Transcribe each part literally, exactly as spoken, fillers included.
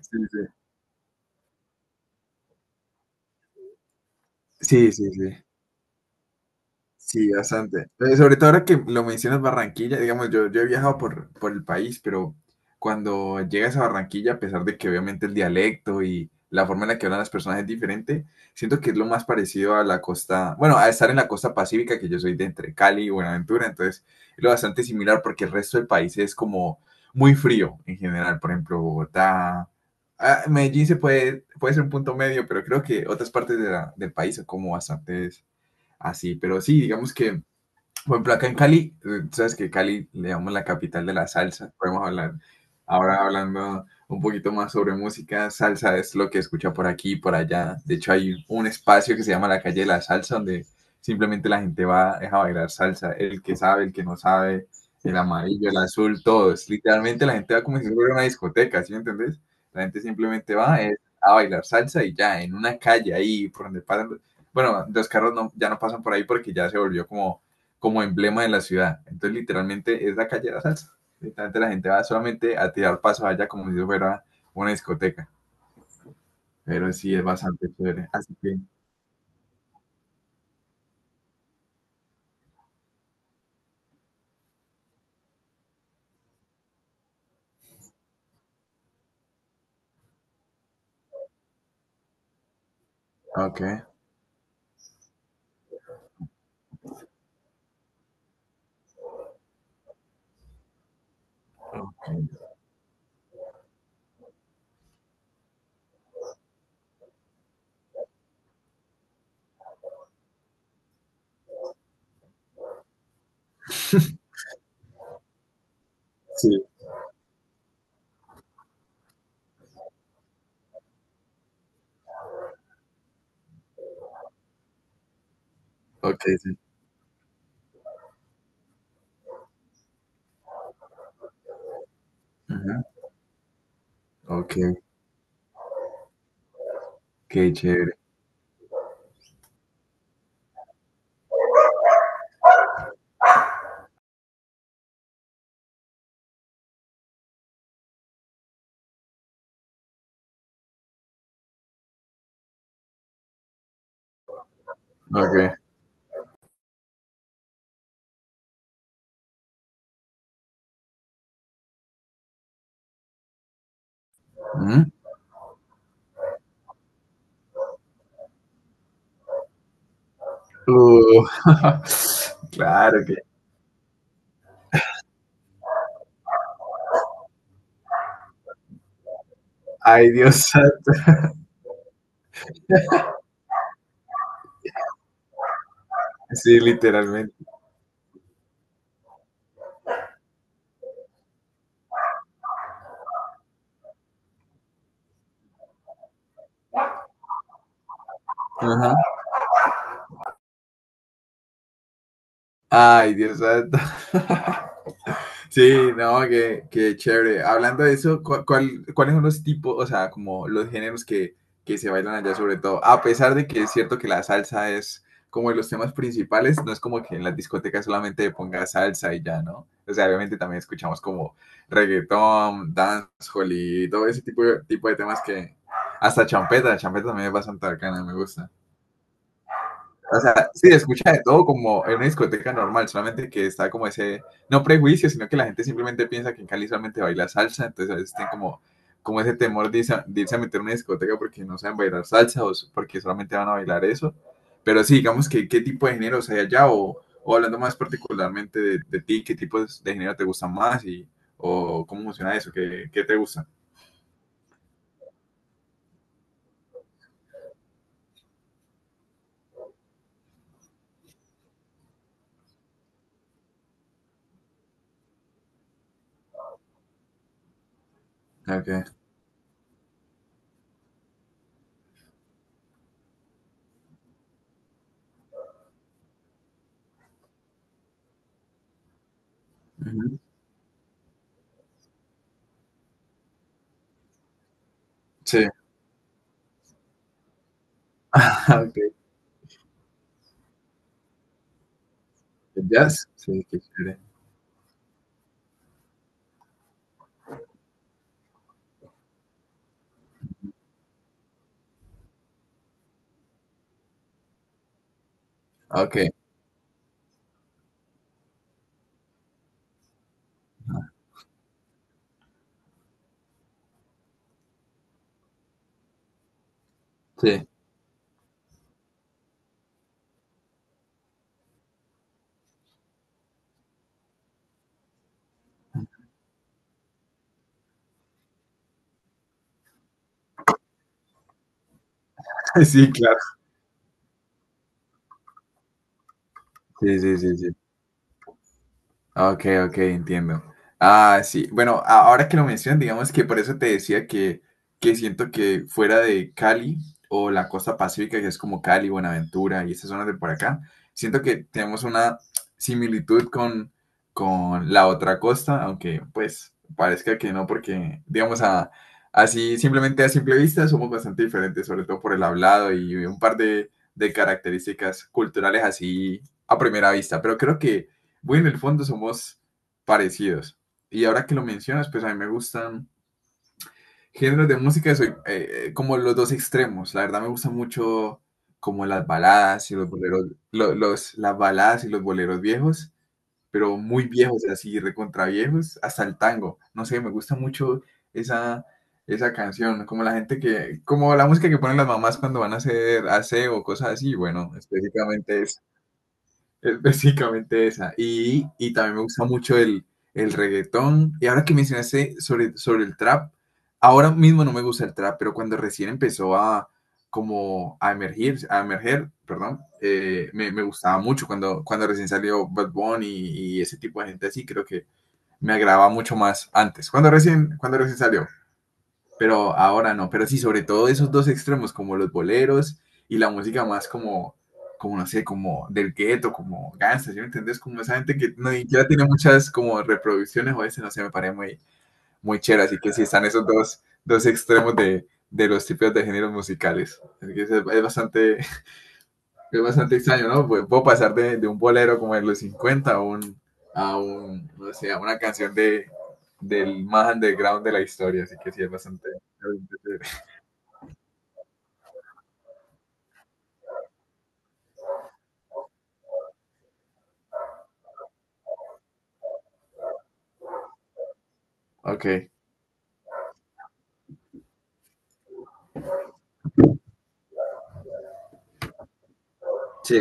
Sí, sí, sí, sí, sí. Sí, bastante. Eh, Sobre todo ahora que lo mencionas Barranquilla, digamos, yo, yo he viajado por, por el país, pero cuando llegas a Barranquilla, a pesar de que obviamente el dialecto y la forma en la que hablan las personas es diferente, siento que es lo más parecido a la costa, bueno, a estar en la costa pacífica, que yo soy de entre Cali y Buenaventura, entonces es lo bastante similar porque el resto del país es como muy frío en general, por ejemplo, Bogotá. ah, Medellín se puede, puede ser un punto medio, pero creo que otras partes de la- del país son como bastante así. Pero sí, digamos que por ejemplo, acá en Cali, eh, sabes que Cali le llamamos la capital de la salsa. Podemos hablar ahora hablando un poquito más sobre música. Salsa es lo que escucha por aquí y por allá. De hecho, hay un espacio que se llama la calle de la salsa, donde simplemente la gente va es a bailar salsa. El que sabe, el que no sabe, el amarillo, el azul, todos. Literalmente la gente va como si fuera una discoteca, ¿sí me entendés? La gente simplemente va eh, a bailar salsa y ya, en una calle ahí por donde pasan. Bueno, los carros no, ya no pasan por ahí porque ya se volvió como como emblema de la ciudad. Entonces, literalmente es la calle de la salsa. Literalmente la gente va solamente a tirar pasos allá como si fuera una discoteca. Pero sí, es bastante chévere. Así que, ok. Sí, ok, sí. Ajá, ok, qué chévere. Ok. Ujú. Uh, claro que. Ay, Dios santo. Sí, literalmente. Ajá. Ay, Dios santo. Sí, no, que, que chévere. Hablando de eso, ¿cu- cuál, ¿cuáles son los tipos, o sea, como los géneros que, que se bailan allá sobre todo? A pesar de que es cierto que la salsa es como de los temas principales, no es como que en las discotecas solamente ponga salsa y ya, ¿no? O sea, obviamente también escuchamos como reggaetón, dancehall y todo ese tipo de, tipo de temas que hasta champeta, champeta también es bastante arcana, me gusta. O sea, sí, escucha de todo como en una discoteca normal, solamente que está como ese, no prejuicio, sino que la gente simplemente piensa que en Cali solamente baila salsa, entonces a veces tienen como, como ese temor de irse, a, de irse a meter en una discoteca porque no saben bailar salsa o porque solamente van a bailar eso. Pero sí, digamos que qué tipo de géneros hay allá o, o hablando más particularmente de, de, ti, qué tipos de género te gustan más y o cómo funciona eso, qué, qué te gusta. Ok. Ujú. Sí. ok. El jazz. Sí, qué chévere. Ok. Sí. Sí, claro. Sí, sí, sí, sí. Ok, ok, entiendo. Ah, sí. Bueno, a- ahora que lo mencionas, digamos que por eso te decía que, que siento que fuera de Cali o la costa pacífica, que es como Cali, Buenaventura y esas zonas de por acá, siento que tenemos una similitud con, con la otra costa, aunque pues parezca que no, porque digamos a, así simplemente a simple vista somos bastante diferentes, sobre todo por el hablado y un par de, de características culturales así a primera vista, pero creo que bueno, en el fondo somos parecidos. Y ahora que lo mencionas, pues a mí me gustan géneros de música, soy eh, eh, como los dos extremos. La verdad me gusta mucho como las baladas y los boleros, lo- los, las baladas y los boleros viejos, pero muy viejos, así recontra viejos, hasta el tango. No sé, me gusta mucho esa, esa canción, como la gente que, como la música que ponen las mamás cuando van a hacer aseo o cosas así, bueno, específicamente es básicamente esa. Y, y también me gusta mucho el, el reggaetón. Y ahora que mencionaste sobre, sobre el trap, ahora mismo no me gusta el trap, pero cuando recién empezó a como a emergir, a emerger, perdón, eh, me, me gustaba mucho cuando, cuando recién salió Bad Bunny y, y ese tipo de gente así, creo que me agradaba mucho más antes. Cuando recién, cuando recién salió, pero ahora no. Pero sí, sobre todo esos dos extremos, como los boleros y la música más como, como no sé, como del gueto, como gansas, ¿sí me entendés? Como esa gente que no, ni siquiera tiene muchas como reproducciones o a veces, no sé, me parece muy, muy chévere. Así que sí, están esos dos, dos extremos de, de los tipos de géneros musicales. Así que es, es bastante, es bastante extraño, ¿no? Pues puedo pasar de, de un bolero como en los cincuenta a un, a un, no sé, a una canción de, del más underground de la historia. Así que sí, es bastante. Ok. Sí,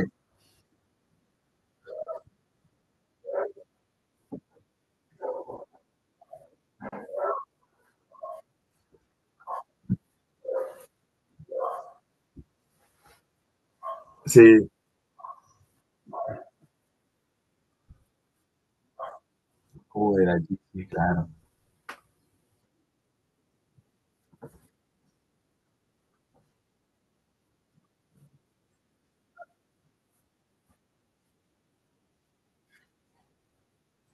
sí. Joder, allí, sí, claro.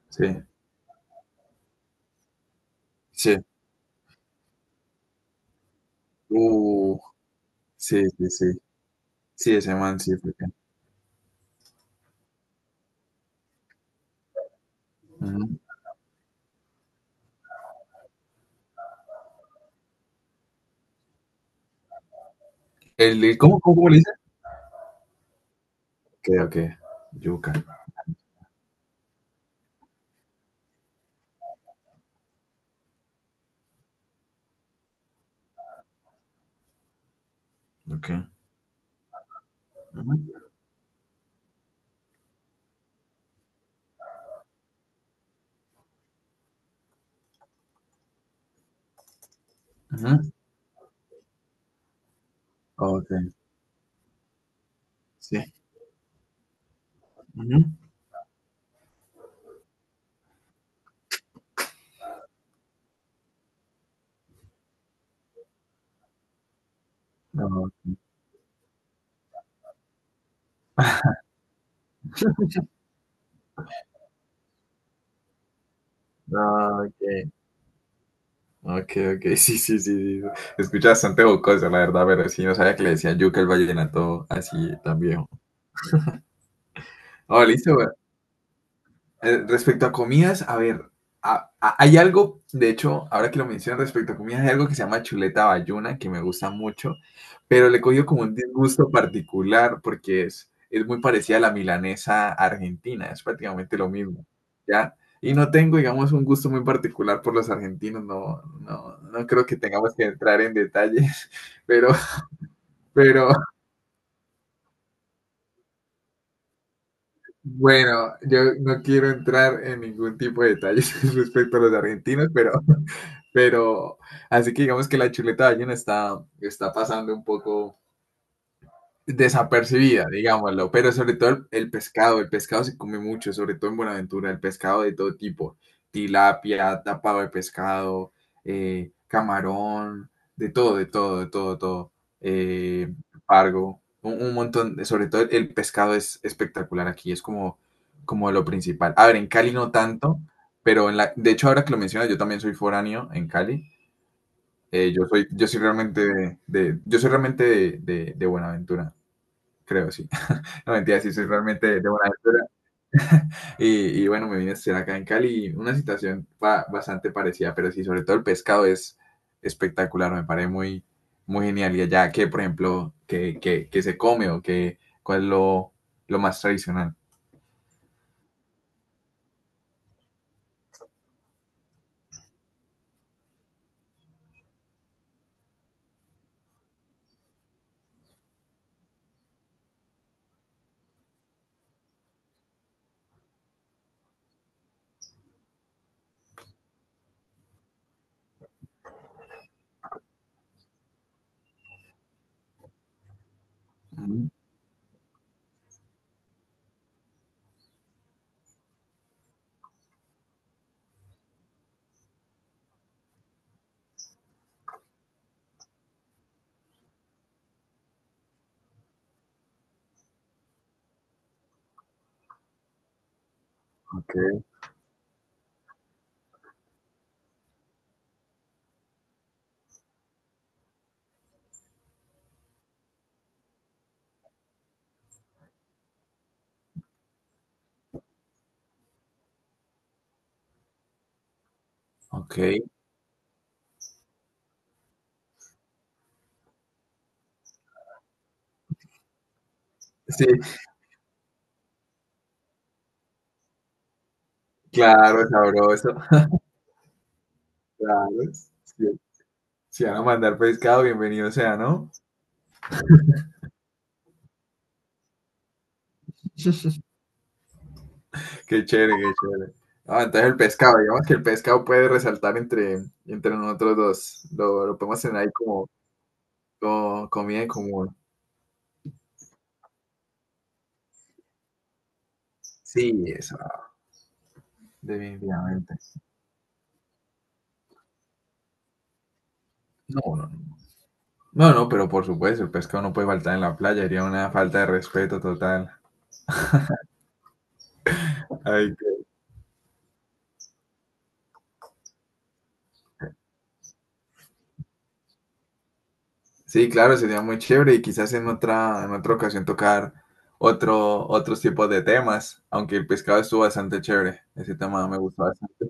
Sí, sí. Uh, sí, sí, sí. Sí, ese man sí fue bien. Ujú. El, el- ¿cómo, cómo, cómo le dice? Ok, ok. Yuca. Ok. Ujú, ujú. Ok, sí. Ujú. Ok, ok, ok, ok, sí, sí, sí, sí. Escucha bastante jocosa, la verdad, pero sí, no sabía que le decían yuca el vallenato así tan viejo. Oh, listo. Eh, respecto a comidas, a ver, a- a- hay algo, de hecho, ahora que lo mencionan respecto a comidas, hay algo que se llama chuleta bayuna, que me gusta mucho, pero le he cogido como un disgusto particular porque es, es muy parecida a la milanesa argentina, es prácticamente lo mismo, ¿ya? Y no tengo, digamos, un gusto muy particular por los argentinos, no, no, no creo que tengamos que entrar en detalles, pero, pero, Bueno, yo no quiero entrar en ningún tipo de detalles respecto a los argentinos, pero, pero así que digamos que la chuleta de ballena está, está pasando un poco, desapercibida, digámoslo, pero sobre todo el, el pescado, el pescado se come mucho, sobre todo en Buenaventura, el pescado de todo tipo, tilapia, tapado de pescado, eh, camarón, de todo, de todo, de todo, de todo, eh, pargo, un, un montón, de- sobre todo el pescado es espectacular aquí, es como, como lo principal. A ver, en Cali no tanto, pero en la, de hecho ahora que lo mencionas, yo también soy foráneo en Cali. Eh, yo soy, yo soy realmente de, de- yo soy realmente de, de de Buenaventura, creo, sí. No, mentira, sí, soy realmente de Buenaventura. Y, y bueno, me vine a estudiar acá en Cali. Una situación ba- bastante parecida, pero sí, sobre todo el pescado es espectacular. Me parece muy, muy genial. ¿Y allá, qué por ejemplo, que, que, que se come o que, cuál es lo, lo más tradicional? Mm, ok, ok. Sí, claro, sabroso. Claro. Sí, si van a mandar pescado, bienvenido sea, ¿no? Qué chévere, qué chévere. Ah, entonces el pescado, digamos que el pescado puede resaltar entre, entre nosotros dos. Lo, lo podemos tener ahí como, como comida en común. Sí, eso, definitivamente. No, no, no. No, no, pero por supuesto, el pescado no puede faltar en la playa, sería una falta de respeto total. Ay, qué- sí, claro, sería muy chévere y quizás en otra, en otra ocasión tocar otro, otros tipos de temas, aunque el pescado estuvo bastante chévere. Ese tema me gustó bastante.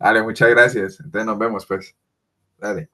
Vale, muchas gracias. Entonces nos vemos, pues. Dale.